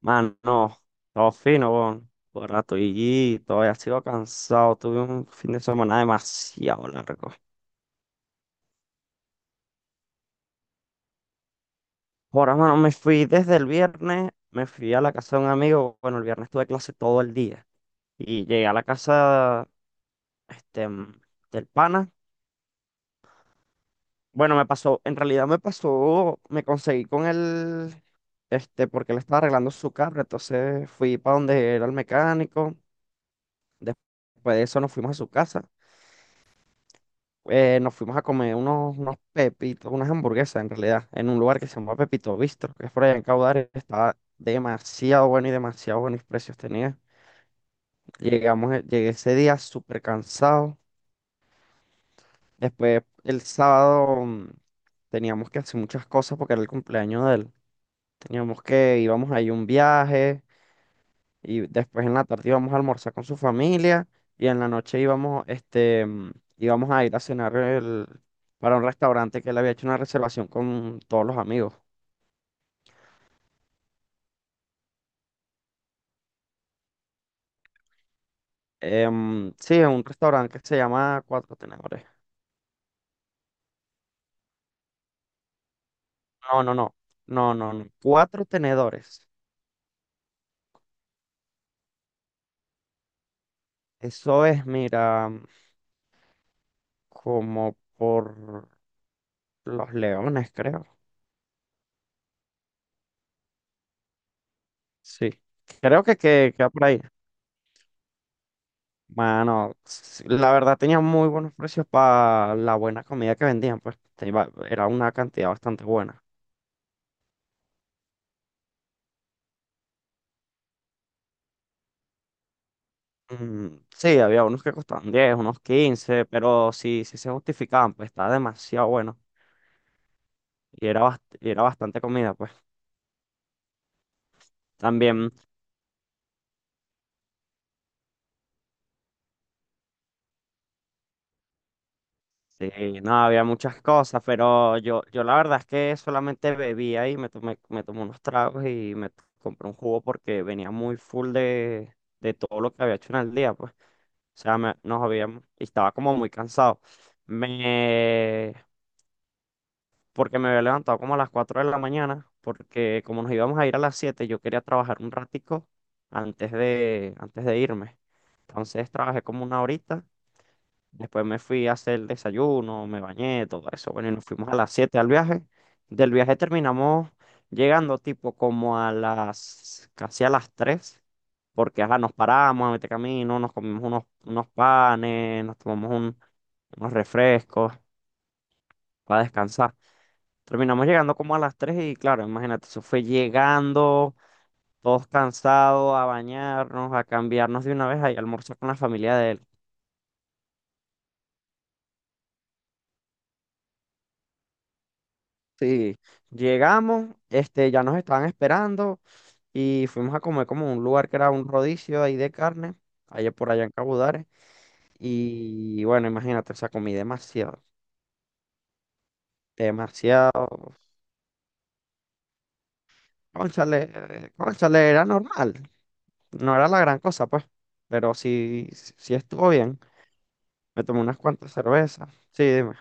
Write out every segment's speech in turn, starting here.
Mano, todo fino, weón. Por rato y todavía sigo cansado. Tuve un fin de semana demasiado largo. Ahora, mano, me fui desde el viernes, me fui a la casa de un amigo. Bueno, el viernes tuve clase todo el día. Y llegué a la casa, este, mm, del pana. Bueno, me pasó, en realidad me pasó, me conseguí con él porque él estaba arreglando su carro. Entonces fui para donde era el mecánico. Después de eso nos fuimos a su casa. Nos fuimos a comer unos pepitos, unas hamburguesas en realidad, en un lugar que se llama Pepito Bistro, que es por allá en Caudares, estaba demasiado bueno y demasiado buenos precios tenía. Llegué ese día súper cansado. Después el sábado teníamos que hacer muchas cosas porque era el cumpleaños de él. Íbamos ahí a un viaje. Y después en la tarde íbamos a almorzar con su familia y en la noche íbamos a ir a cenar para un restaurante que él había hecho una reservación con todos los amigos. Sí, es un restaurante que se llama Cuatro Tenedores. No, no, no, no, no, no. Cuatro Tenedores. Eso es, mira, como por Los Leones, creo. Sí, creo que queda por ahí. Mano, la verdad tenía muy buenos precios para la buena comida que vendían, pues era una cantidad bastante buena. Mm, sí, había unos que costaban 10 unos 15 pero sí, sí se justificaban, pues estaba demasiado bueno y era, era bastante comida, pues también, sí, no, había muchas cosas, pero yo la verdad es que solamente bebía y me tomé unos tragos y compré un jugo porque venía muy full de todo lo que había hecho en el día, pues. O sea, nos habíamos, y estaba como muy cansado. Me, Porque me había levantado como a las 4 de la mañana, porque como nos íbamos a ir a las 7 yo quería trabajar un ratico antes de irme. Entonces trabajé como una horita. Después me fui a hacer el desayuno, me bañé, todo eso. Bueno, y nos fuimos a las 7 al viaje. Del viaje terminamos llegando tipo como casi a las 3 porque ajá, nos paramos a meter camino, nos comimos unos panes, nos tomamos unos refrescos para descansar. Terminamos llegando como a las 3 y claro, imagínate, eso fue llegando, todos cansados, a bañarnos, a cambiarnos de una vez, ahí a almorzar con la familia de él. Sí, llegamos ya nos estaban esperando y fuimos a comer como un lugar que era un rodicio ahí de carne, allá por allá en Cabudare. Y bueno, imagínate, o sea, comí demasiado, demasiado. Cónchale, cónchale, era normal, no era la gran cosa, pues, pero sí, sí estuvo bien. Me tomé unas cuantas cervezas. Sí, dime.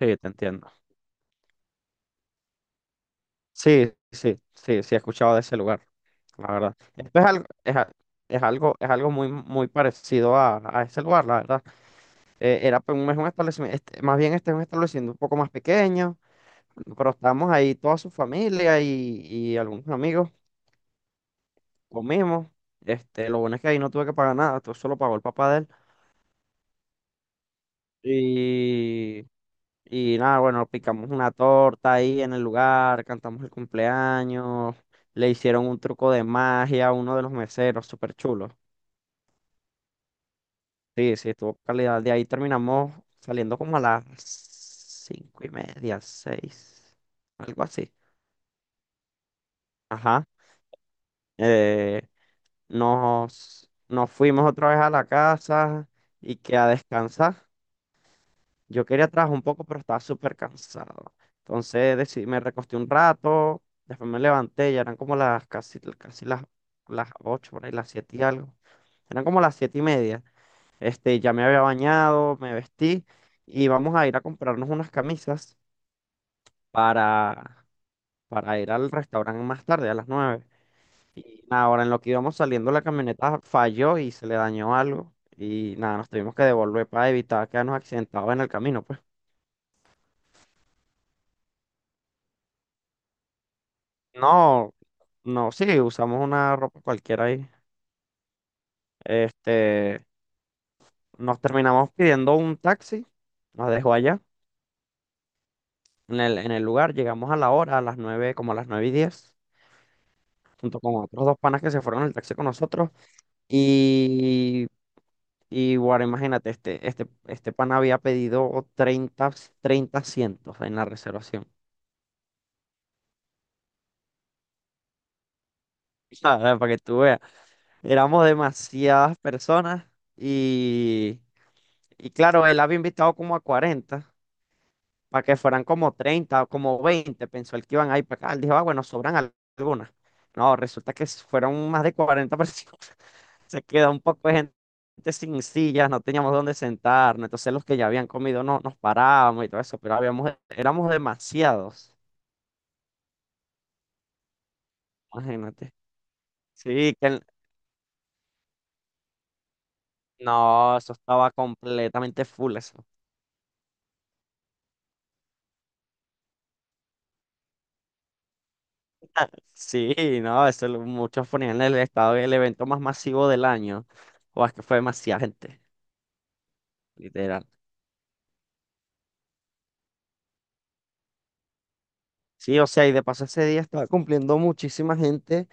Sí, te entiendo. Sí, sí, sí, sí, he escuchado de ese lugar. La verdad. Esto es algo, es algo muy, muy parecido a ese lugar, la verdad. Era pues, es un establecimiento, más bien este es un establecimiento un poco más pequeño, pero estábamos ahí toda su familia y algunos amigos, comimos. Lo bueno es que ahí no tuve que pagar nada, todo solo pagó el papá de él. Y, y nada, bueno, picamos una torta ahí en el lugar, cantamos el cumpleaños, le hicieron un truco de magia a uno de los meseros, súper chulo. Sí, sí, estuvo calidad. De ahí terminamos saliendo como a las 5:30, 6, algo así. Ajá. Eh, nos fuimos otra vez a la casa y que a descansar. Yo quería trabajar un poco, pero estaba súper cansado. Entonces decidí, me recosté un rato, después me levanté, ya eran como las casi, casi las 8, por ahí, las 7 y algo. Eran como las 7:30. Ya me había bañado, me vestí y vamos a ir a comprarnos unas camisas para, para ir al restaurante más tarde, a las 9. Y nada, ahora en lo que íbamos saliendo la camioneta falló y se le dañó algo. Y nada, nos tuvimos que devolver para evitar quedarnos accidentados en el camino, pues. No, no, sí, usamos una ropa cualquiera ahí. Este, Nos terminamos pidiendo un taxi, nos dejó allá en el lugar, llegamos a la hora, a las 9 como a las 9:10 junto con otros dos panas que se fueron en el taxi con nosotros. Y, y guarda, imagínate, este pana había pedido 30, 30 asientos en la reservación. Para que tú veas, éramos demasiadas personas y, y claro, él había invitado como a 40 para que fueran como 30 o como 20 pensó él que iban a ir para acá. Él dijo, ah, bueno, sobran algunas. No, resulta que fueron más de 40 personas. Se quedó un poco de gente sin sillas, no teníamos dónde sentarnos. Entonces los que ya habían comido no, nos parábamos y todo eso, pero habíamos, éramos demasiados. Imagínate. Sí, no, eso estaba completamente full eso. Sí, no, muchos ponían el estado el evento más masivo del año. O es que fue demasiada gente, literal. Sí, o sea, y de paso ese día estaba cumpliendo muchísima gente,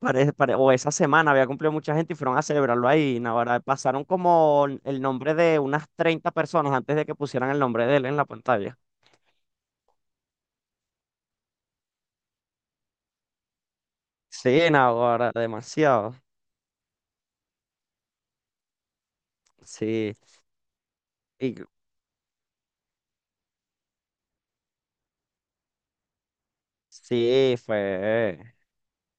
o esa semana había cumplido mucha gente y fueron a celebrarlo ahí. Naguará, pasaron como el nombre de unas 30 personas antes de que pusieran el nombre de él en la pantalla. Sí, Naguará, demasiado. Sí, y sí, fue,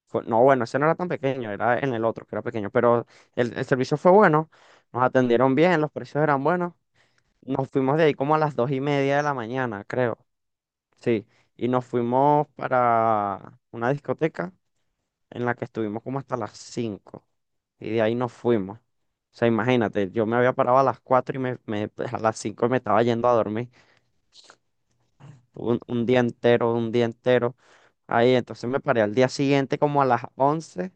fue- no, bueno, ese no era tan pequeño, era en el otro que era pequeño, pero el servicio fue bueno, nos atendieron bien, los precios eran buenos. Nos fuimos de ahí como a las 2:30 de la mañana, creo. Sí, y nos fuimos para una discoteca en la que estuvimos como hasta las 5 y de ahí nos fuimos. O sea, imagínate, yo me había parado a las 4 y a las 5 me estaba yendo a dormir un día entero, un día entero. Ahí, entonces me paré al día siguiente como a las 11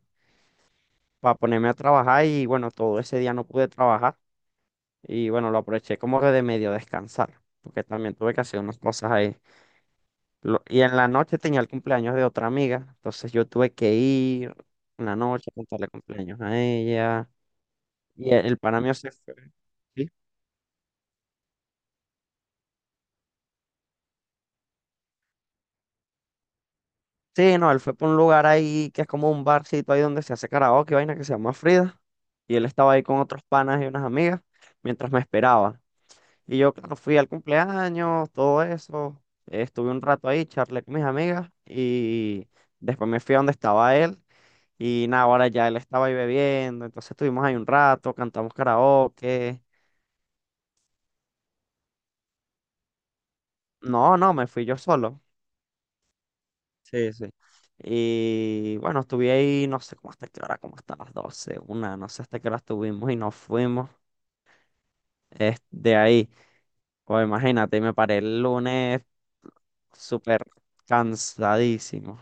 para ponerme a trabajar y bueno, todo ese día no pude trabajar y bueno, lo aproveché como que de medio descansar, porque también tuve que hacer unas cosas ahí. Y en la noche tenía el cumpleaños de otra amiga, entonces yo tuve que ir en la noche a contarle cumpleaños a ella. Y el pana mío se fue. ¿Sí? Sí, no, él fue por un lugar ahí que es como un barcito ahí donde se hace karaoke, vaina que se llama Frida. Y él estaba ahí con otros panas y unas amigas mientras me esperaba. Y yo, claro, fui al cumpleaños, todo eso. Estuve un rato ahí, charlé con mis amigas y después me fui a donde estaba él. Y nada, ahora ya él estaba ahí bebiendo, entonces estuvimos ahí un rato, cantamos karaoke. No, no, me fui yo solo. Sí, sí. Y bueno, estuve ahí, no sé cómo hasta qué hora, como hasta las 12 1, no sé hasta qué hora estuvimos y nos fuimos de ahí. Pues imagínate, me paré el lunes súper cansadísimo.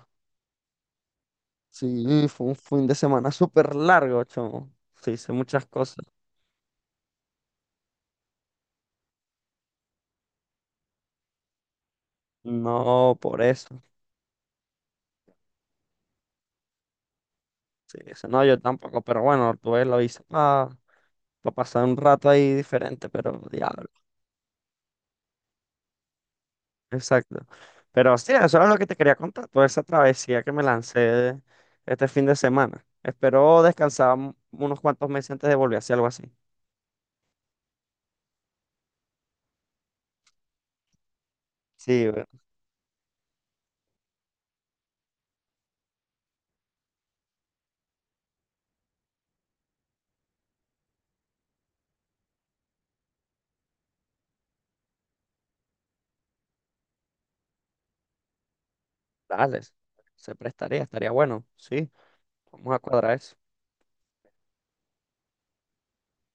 Sí, fue un fin de semana súper largo, chamo. Sí, hice muchas cosas. No, por eso. Sí, eso no, yo tampoco, pero bueno, tuve lo hice, para pasar un rato ahí diferente, pero diablo, exacto. Pero sí, eso era lo que te quería contar, toda esa travesía que me lancé este fin de semana. Espero descansar unos cuantos meses antes de volver a hacer algo así. Sí, bueno, dale, se prestaría, estaría bueno, sí, vamos a cuadrar eso.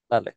Dale.